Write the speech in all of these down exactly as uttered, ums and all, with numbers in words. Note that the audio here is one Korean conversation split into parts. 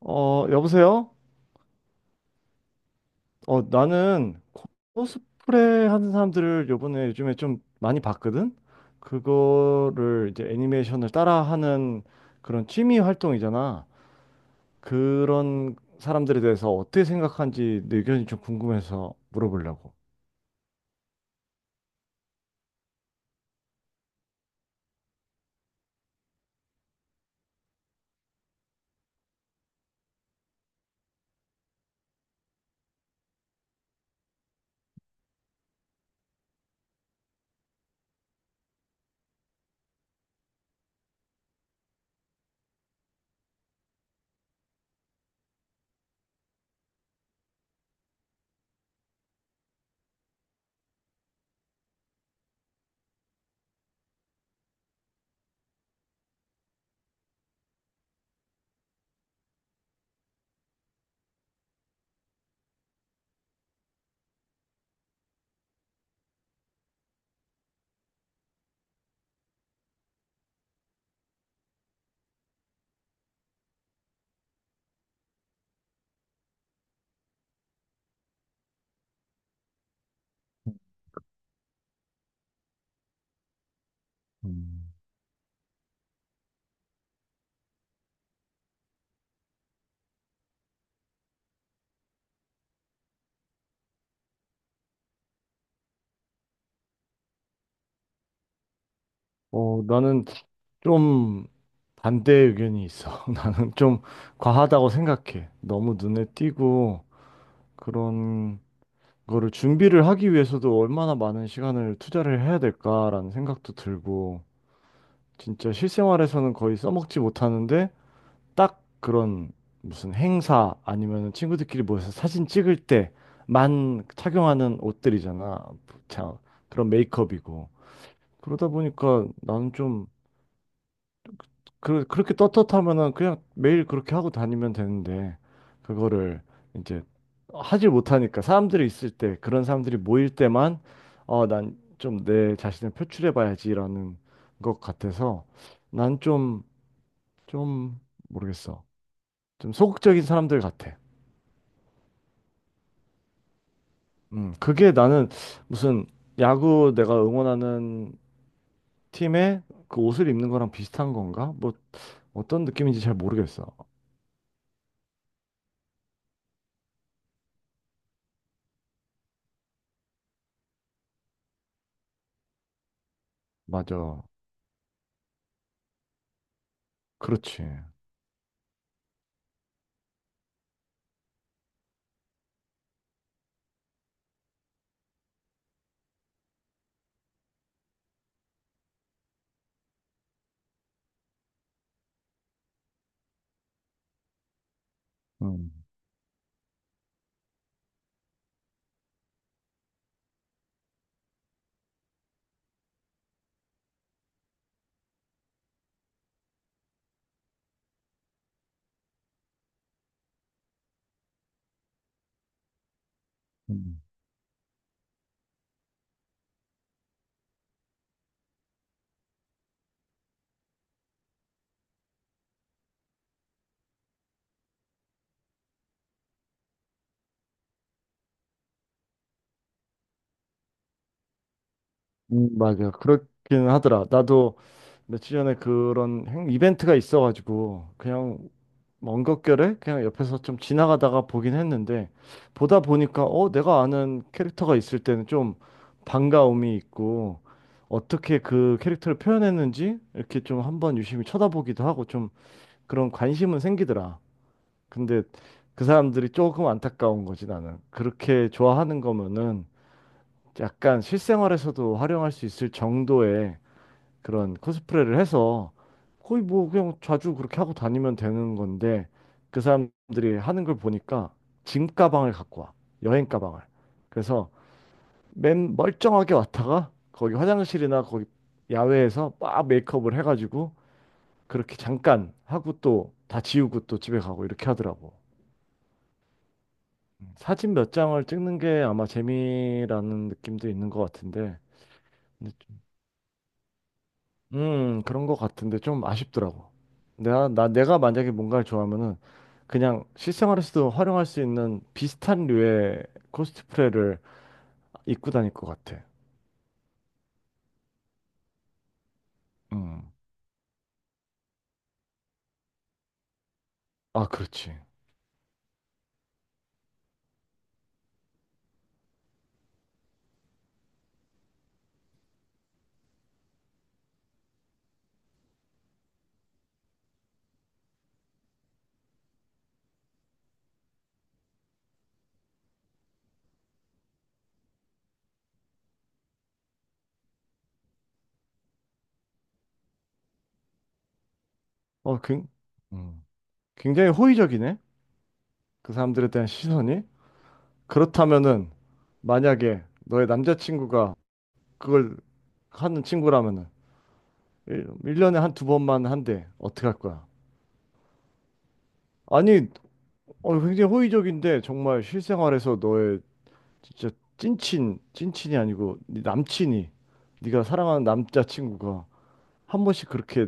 어, 여보세요? 어, 나는 코스프레 하는 사람들을 요번에 요즘에 좀 많이 봤거든? 그거를 이제 애니메이션을 따라하는 그런 취미 활동이잖아. 그런 사람들에 대해서 어떻게 생각하는지 내 의견이 좀 궁금해서 물어보려고. 음, 어, 나는 좀 반대 의견이 있어. 나는 좀 과하다고 생각해. 너무 눈에 띄고 그런 그거를 준비를 하기 위해서도 얼마나 많은 시간을 투자를 해야 될까라는 생각도 들고, 진짜 실생활에서는 거의 써먹지 못하는데, 딱 그런 무슨 행사 아니면 친구들끼리 모여서 사진 찍을 때만 착용하는 옷들이잖아. 자, 그런 메이크업이고. 그러다 보니까 나는 좀 그, 그렇게 떳떳하면은 그냥 매일 그렇게 하고 다니면 되는데, 그거를 이제 하지 못하니까, 사람들이 있을 때, 그런 사람들이 모일 때만, 어, 난 좀 내 자신을 표출해 봐야지라는 것 같아서, 난 좀, 좀, 모르겠어. 좀 소극적인 사람들 같아. 음, 그게 나는 무슨 야구 내가 응원하는 팀에 그 옷을 입는 거랑 비슷한 건가? 뭐, 어떤 느낌인지 잘 모르겠어. 맞아. 그렇지. 음. 음, 음, 맞아. 그렇긴 하더라. 나도 며칠 전에 그런 행- 이벤트가 있어가지고 그냥 먼 격결에 그냥 옆에서 좀 지나가다가 보긴 했는데 보다 보니까 어 내가 아는 캐릭터가 있을 때는 좀 반가움이 있고 어떻게 그 캐릭터를 표현했는지 이렇게 좀 한번 유심히 쳐다보기도 하고 좀 그런 관심은 생기더라. 근데 그 사람들이 조금 안타까운 거지 나는. 그렇게 좋아하는 거면은 약간 실생활에서도 활용할 수 있을 정도의 그런 코스프레를 해서 거의 뭐 그냥 자주 그렇게 하고 다니면 되는 건데 그 사람들이 하는 걸 보니까 짐 가방을 갖고 와. 여행 가방을. 그래서 맨 멀쩡하게 왔다가 거기 화장실이나 거기 야외에서 막 메이크업을 해가지고 그렇게 잠깐 하고 또 다 지우고 또 집에 가고 이렇게 하더라고. 사진 몇 장을 찍는 게 아마 재미라는 느낌도 있는 것 같은데 근데 음, 그런 것 같은데 좀 아쉽더라고. 내가, 나, 내가 만약에 뭔가를 좋아하면은 그냥 실생활에서도 활용할 수 있는 비슷한 류의 코스프레를 입고 다닐 것 같아. 음. 아, 그렇지. 어, 굉, 음. 굉장히 호의적이네. 그 사람들에 대한 시선이. 그렇다면은 만약에 너의 남자친구가 그걸 하는 친구라면은 일 1년에 한 두 번만 한대. 어떻게 할 거야? 아니, 어, 굉장히 호의적인데 정말 실생활에서 너의 진짜 찐친, 찐친이 아니고 네 남친이 네가 사랑하는 남자친구가 한 번씩 그렇게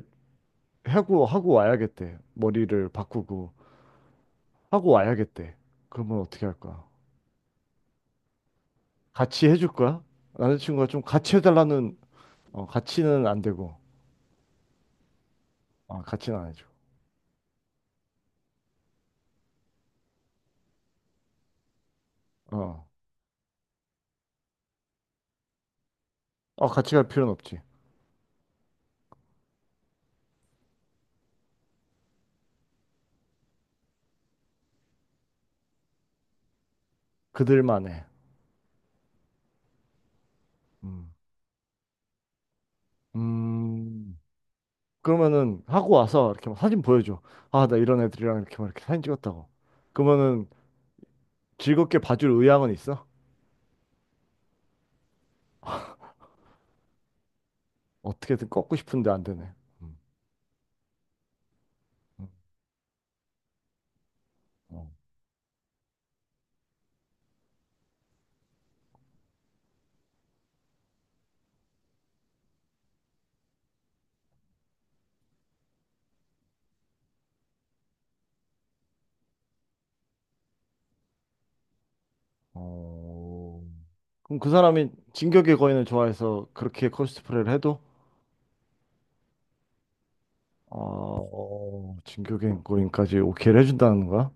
하고 하고 와야겠대. 머리를 바꾸고 하고 와야겠대. 그러면 어떻게 할 거야? 같이 해줄 거야? 남자친구가 좀 같이 해달라는 어, 같이는 안 되고 어, 같이는 안 해줘. 어, 어 같이 갈 필요는 없지. 그들만의. 음. 음. 그러면은 하고 와서 이렇게 막 사진 보여줘. 아, 나 이런 애들이랑 이렇게 막 이렇게 사진 찍었다고. 그러면은 즐겁게 봐줄 의향은 있어? 어떻게든 꺾고 싶은데 안 되네. 음. 음, 어, 어, 그럼 그 사람이 진격의 거인을 좋아해서 그렇게 코스프레를 해도 어, 진격의 거인까지 오케이를 해준다는 거야?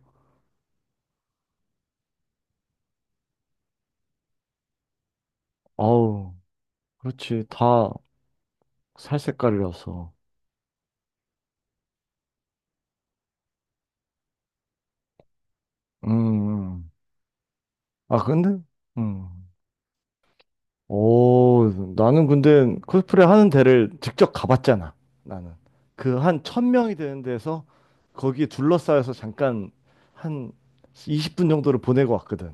아우, 그렇지. 다 살 색깔이라서. 음. 음. 아, 근데? 음. 오, 나는 근데 코스프레 하는 데를 직접 가봤잖아. 나는 그 한 천 명이 되는 데서 거기에 둘러싸여서 잠깐 한 이십 분 정도를 보내고 왔거든.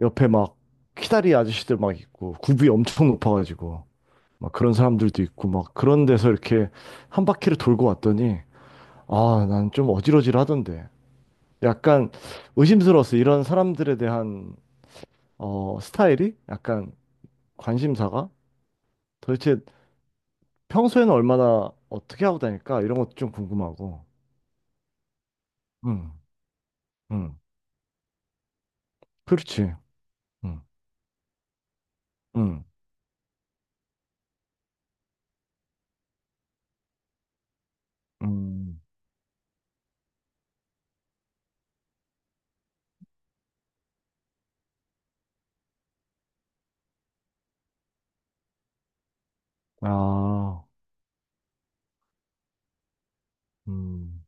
옆에 막 키다리 아저씨들 막 있고 굽이 엄청 높아가지고 막 그런 사람들도 있고 막 그런 데서 이렇게 한 바퀴를 돌고 왔더니 아, 난 좀 어질어질하던데. 약간 의심스러웠어. 이런 사람들에 대한 어, 스타일이 약간 관심사가 도대체 평소에는 얼마나 어떻게 하고 다닐까? 이런 것도 좀 궁금하고. 응. 응. 그렇지. 응. 응. 음. 아, 음.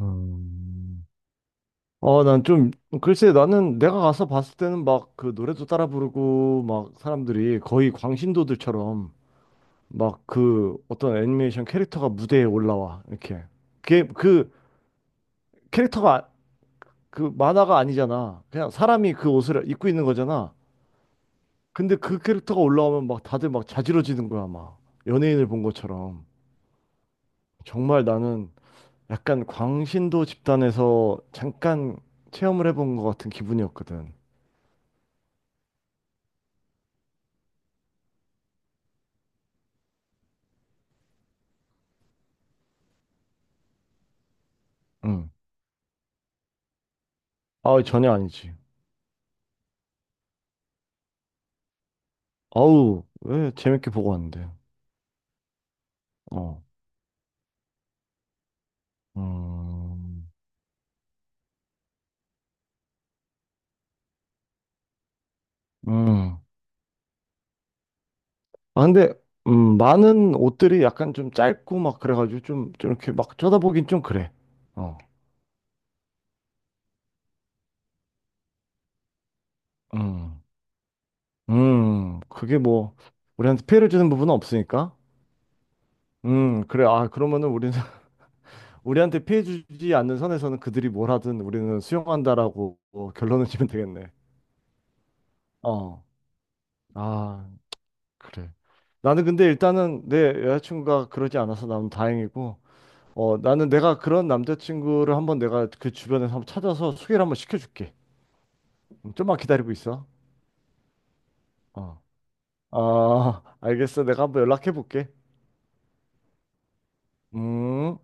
음. 어, 난 좀, 글쎄, 나는 내가 가서 봤을 때는 막 그 노래도 따라 부르고, 막 사람들이 거의 광신도들처럼 막 그 어떤 애니메이션 캐릭터가 무대에 올라와. 이렇게. 그게 그 캐릭터가 아- 그 만화가 아니잖아. 그냥 사람이 그 옷을 입고 있는 거잖아. 근데 그 캐릭터가 올라오면 막 다들 막 자지러지는 거야, 막. 연예인을 본 것처럼. 정말 나는 약간 광신도 집단에서 잠깐 체험을 해본 것 같은 기분이었거든. 응. 아, 전혀 아니지. 아우, 왜 재밌게 보고 왔는데. 어. 음. 음. 아, 근데, 음, 많은 옷들이 약간 좀 짧고 막 그래가지고 좀, 좀 이렇게 막 쳐다보긴 좀 그래. 어. 음. 음. 그게 뭐, 우리한테 피해를 주는 부분은 없으니까. 음, 그래. 아, 그러면은 우리는 우리한테 피해 주지 않는 선에서는 그들이 뭘 하든 우리는 수용한다라고 뭐 결론을 지면 되겠네. 어. 아, 그래. 나는 근데 일단은 내 여자친구가 그러지 않아서 나는 다행이고, 어, 나는 내가 그런 남자친구를 한번 내가 그 주변에서 한번 찾아서 소개를 한번 시켜줄게. 음, 좀만 기다리고 있어. 어. 아, 알겠어. 내가 한번 연락해 볼게. 음.